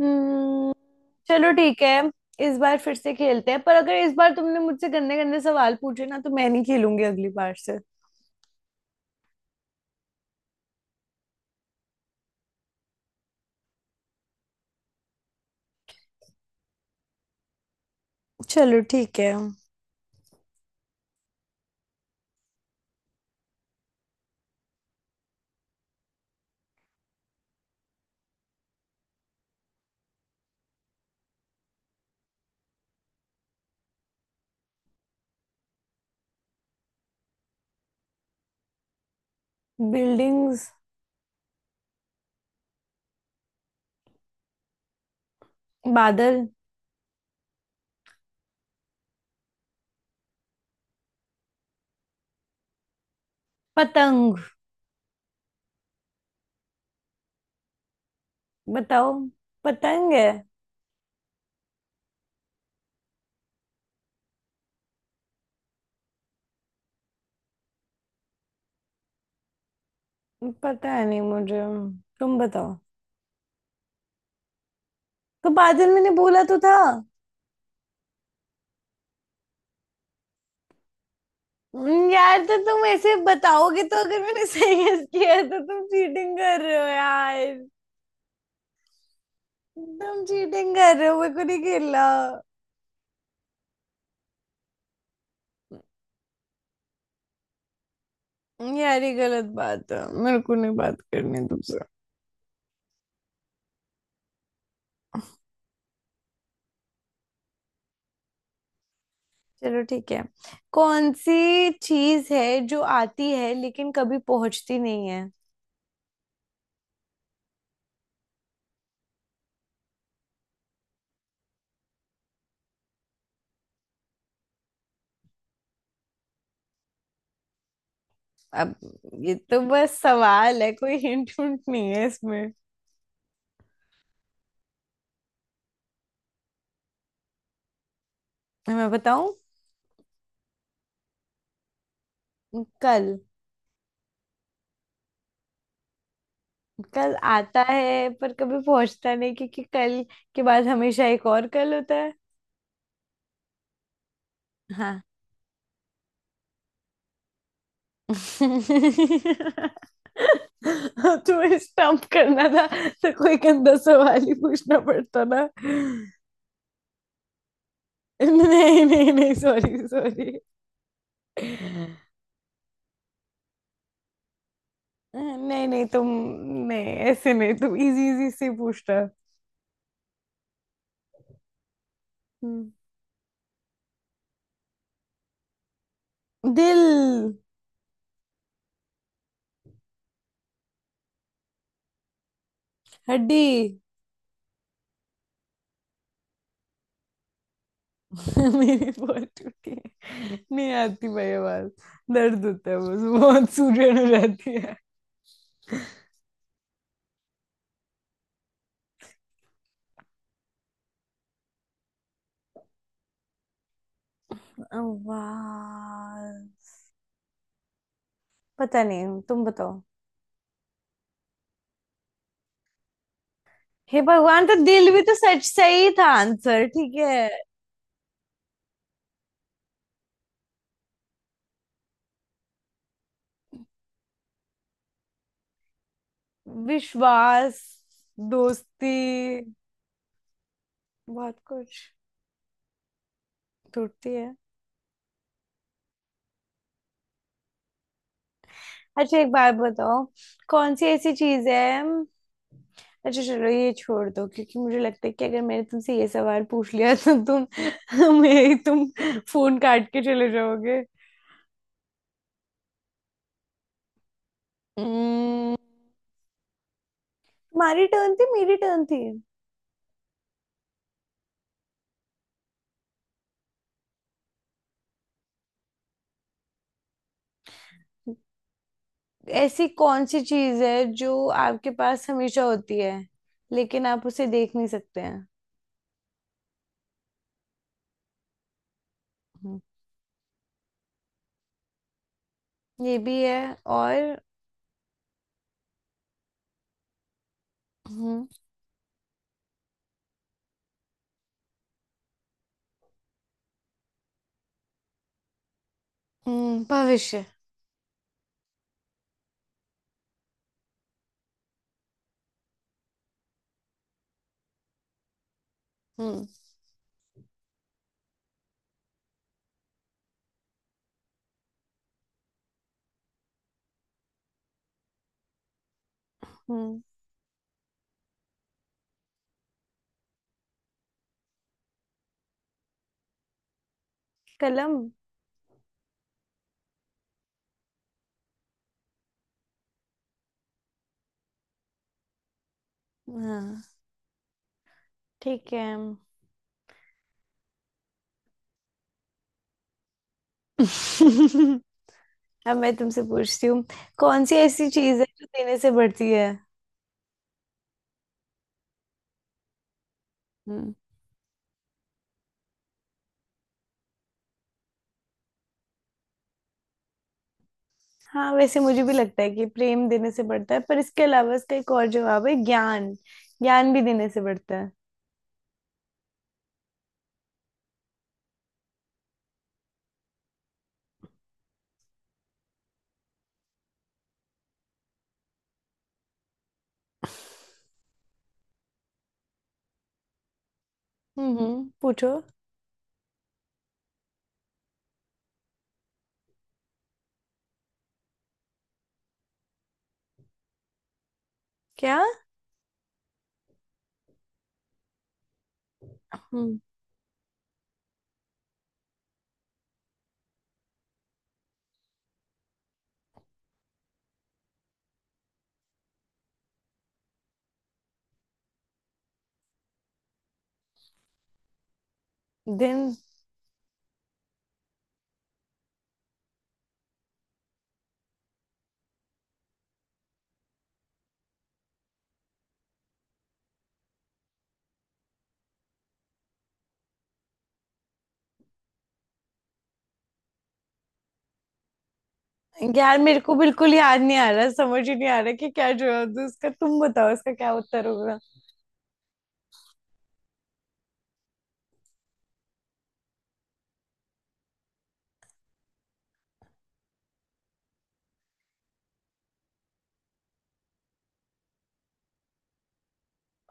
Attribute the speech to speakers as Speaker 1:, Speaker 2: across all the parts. Speaker 1: हम्म। चलो ठीक है। इस बार फिर से खेलते हैं, पर अगर इस बार तुमने मुझसे गंदे गंदे सवाल पूछे ना तो मैं नहीं खेलूंगी अगली बार से। चलो ठीक है। बिल्डिंग्स। बादल। पतंग। बताओ। पतंग है। पता है नहीं मुझे, तुम बताओ। तो बादल मैंने बोला तो था। यार तो तुम ऐसे बताओगे तो अगर मैंने सही गेस किया है, तो तुम चीटिंग कर रहे हो यार। तुम चीटिंग कर रहे हो, मेरे को नहीं खेलना। यार ये गलत बात है, मेरे को नहीं बात करनी तुमसे। चलो ठीक है। कौन सी चीज है जो आती है लेकिन कभी पहुंचती नहीं है। अब ये तो बस सवाल है, कोई हिंट विंट नहीं है इसमें। मैं बताऊं? कल। कल आता है पर कभी पहुंचता नहीं क्योंकि कल के बाद हमेशा एक और कल होता है। हाँ। तुम्हें स्टंप करना था। तो कोई गंदा सवाल ही पूछना पड़ता ना। नहीं नहीं नहीं सॉरी सॉरी। नहीं नहीं तुम नहीं ऐसे नहीं, तुम इजी इजी से पूछना। दिल। हड्डी। मेरी बहुत टूटी है। नहीं आती भाई आवाज। दर्द होता है बस, बहुत सूजन हो जाती है। आवाज। पता नहीं, तुम बताओ। हे भगवान, तो दिल भी तो सच सही था आंसर। ठीक है। विश्वास। दोस्ती। बहुत कुछ टूटती है। अच्छा एक बात बताओ। कौन सी ऐसी चीज है। अच्छा चलो ये छोड़ दो, क्योंकि मुझे लगता है कि अगर मैंने तुमसे ये सवाल पूछ लिया तो तुम मेरी तुम फोन काट के चले जाओगे। हम्म। तुम्हारी टर्न थी, मेरी टर्न थी। ऐसी कौन सी चीज है जो आपके पास हमेशा होती है लेकिन आप उसे देख नहीं सकते हैं। हम्म, ये भी है और। हम्म। भविष्य। हम्म हम्म, कलम। हाँ। ठीक है। अब मैं तुमसे पूछती हूँ, कौन सी ऐसी चीज है जो देने से बढ़ती है। हम्म। हाँ वैसे मुझे भी लगता है कि प्रेम देने से बढ़ता है, पर इसके अलावा इसका एक और जवाब है ज्ञान। ज्ञान भी देने से बढ़ता है। पूछो। क्या। हम्म। दिन। यार मेरे को बिल्कुल याद नहीं आ रहा, समझ ही नहीं आ रहा कि क्या जवाब दूं उसका। तुम बताओ उसका क्या उत्तर होगा।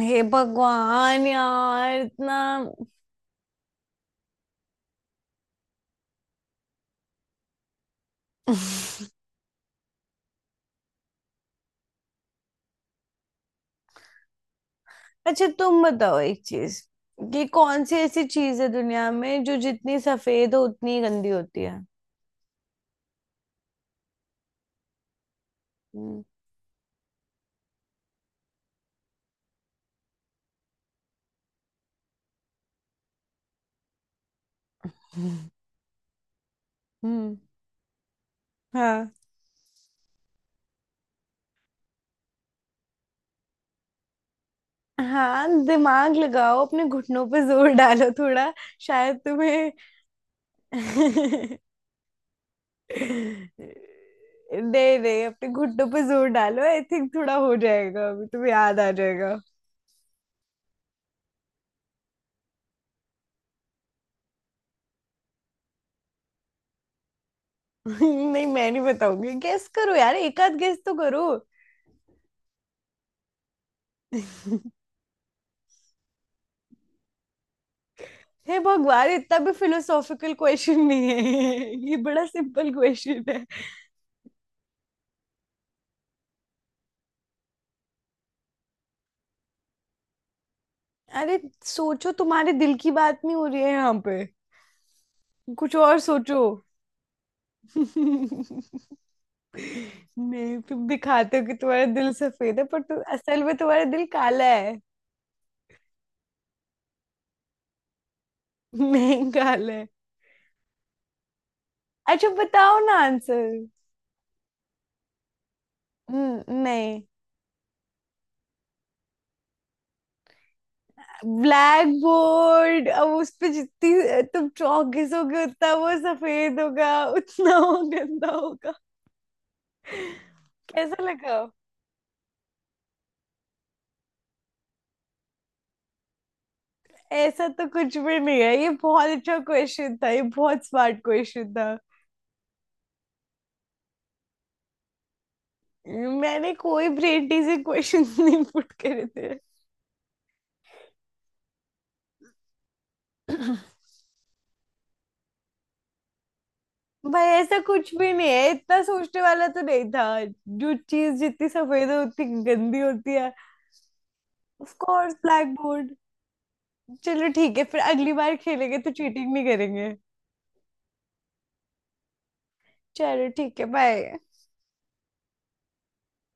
Speaker 1: हे भगवान यार इतना। अच्छा तुम बताओ एक चीज, कि कौन सी ऐसी चीज है दुनिया में जो जितनी सफेद हो उतनी गंदी होती है। हम्म। हम्म। हाँ। हाँ दिमाग लगाओ, अपने घुटनों पे जोर डालो थोड़ा, शायद तुम्हें नहीं नहीं अपने घुटनों पे जोर डालो, आई थिंक थोड़ा हो जाएगा अभी तुम्हें याद आ जाएगा। नहीं मैं नहीं बताऊंगी, गेस करो यार, एक आध गेस तो करो। हे भगवान इतना भी फिलोसॉफिकल क्वेश्चन नहीं है। ये बड़ा सिंपल क्वेश्चन है। अरे सोचो, तुम्हारे दिल की बात नहीं हो रही है यहाँ पे, कुछ और सोचो। नहीं तुम दिखाते हो कि तुम्हारा दिल सफेद है, पर तुम असल में तुम्हारा दिल काला है। नहीं काला है। अच्छा बताओ ना आंसर। नहीं। Black board. अब उस पे जितनी तुम चौक घिसोगे उतना वो सफेद होगा, उतना वो गंदा होगा। कैसा लगा? ऐसा तो कुछ भी नहीं है, ये बहुत अच्छा क्वेश्चन था, ये बहुत स्मार्ट क्वेश्चन था। मैंने कोई ब्रेन टीजिंग क्वेश्चन नहीं पुट करे थे। भाई ऐसा कुछ भी नहीं है, इतना सोचने वाला तो नहीं था। जो चीज जितनी सफेद होती गंदी होती है, ऑफ कोर्स ब्लैक बोर्ड। चलो ठीक है, फिर अगली बार खेलेंगे तो चीटिंग नहीं करेंगे। चलो ठीक है, बाय।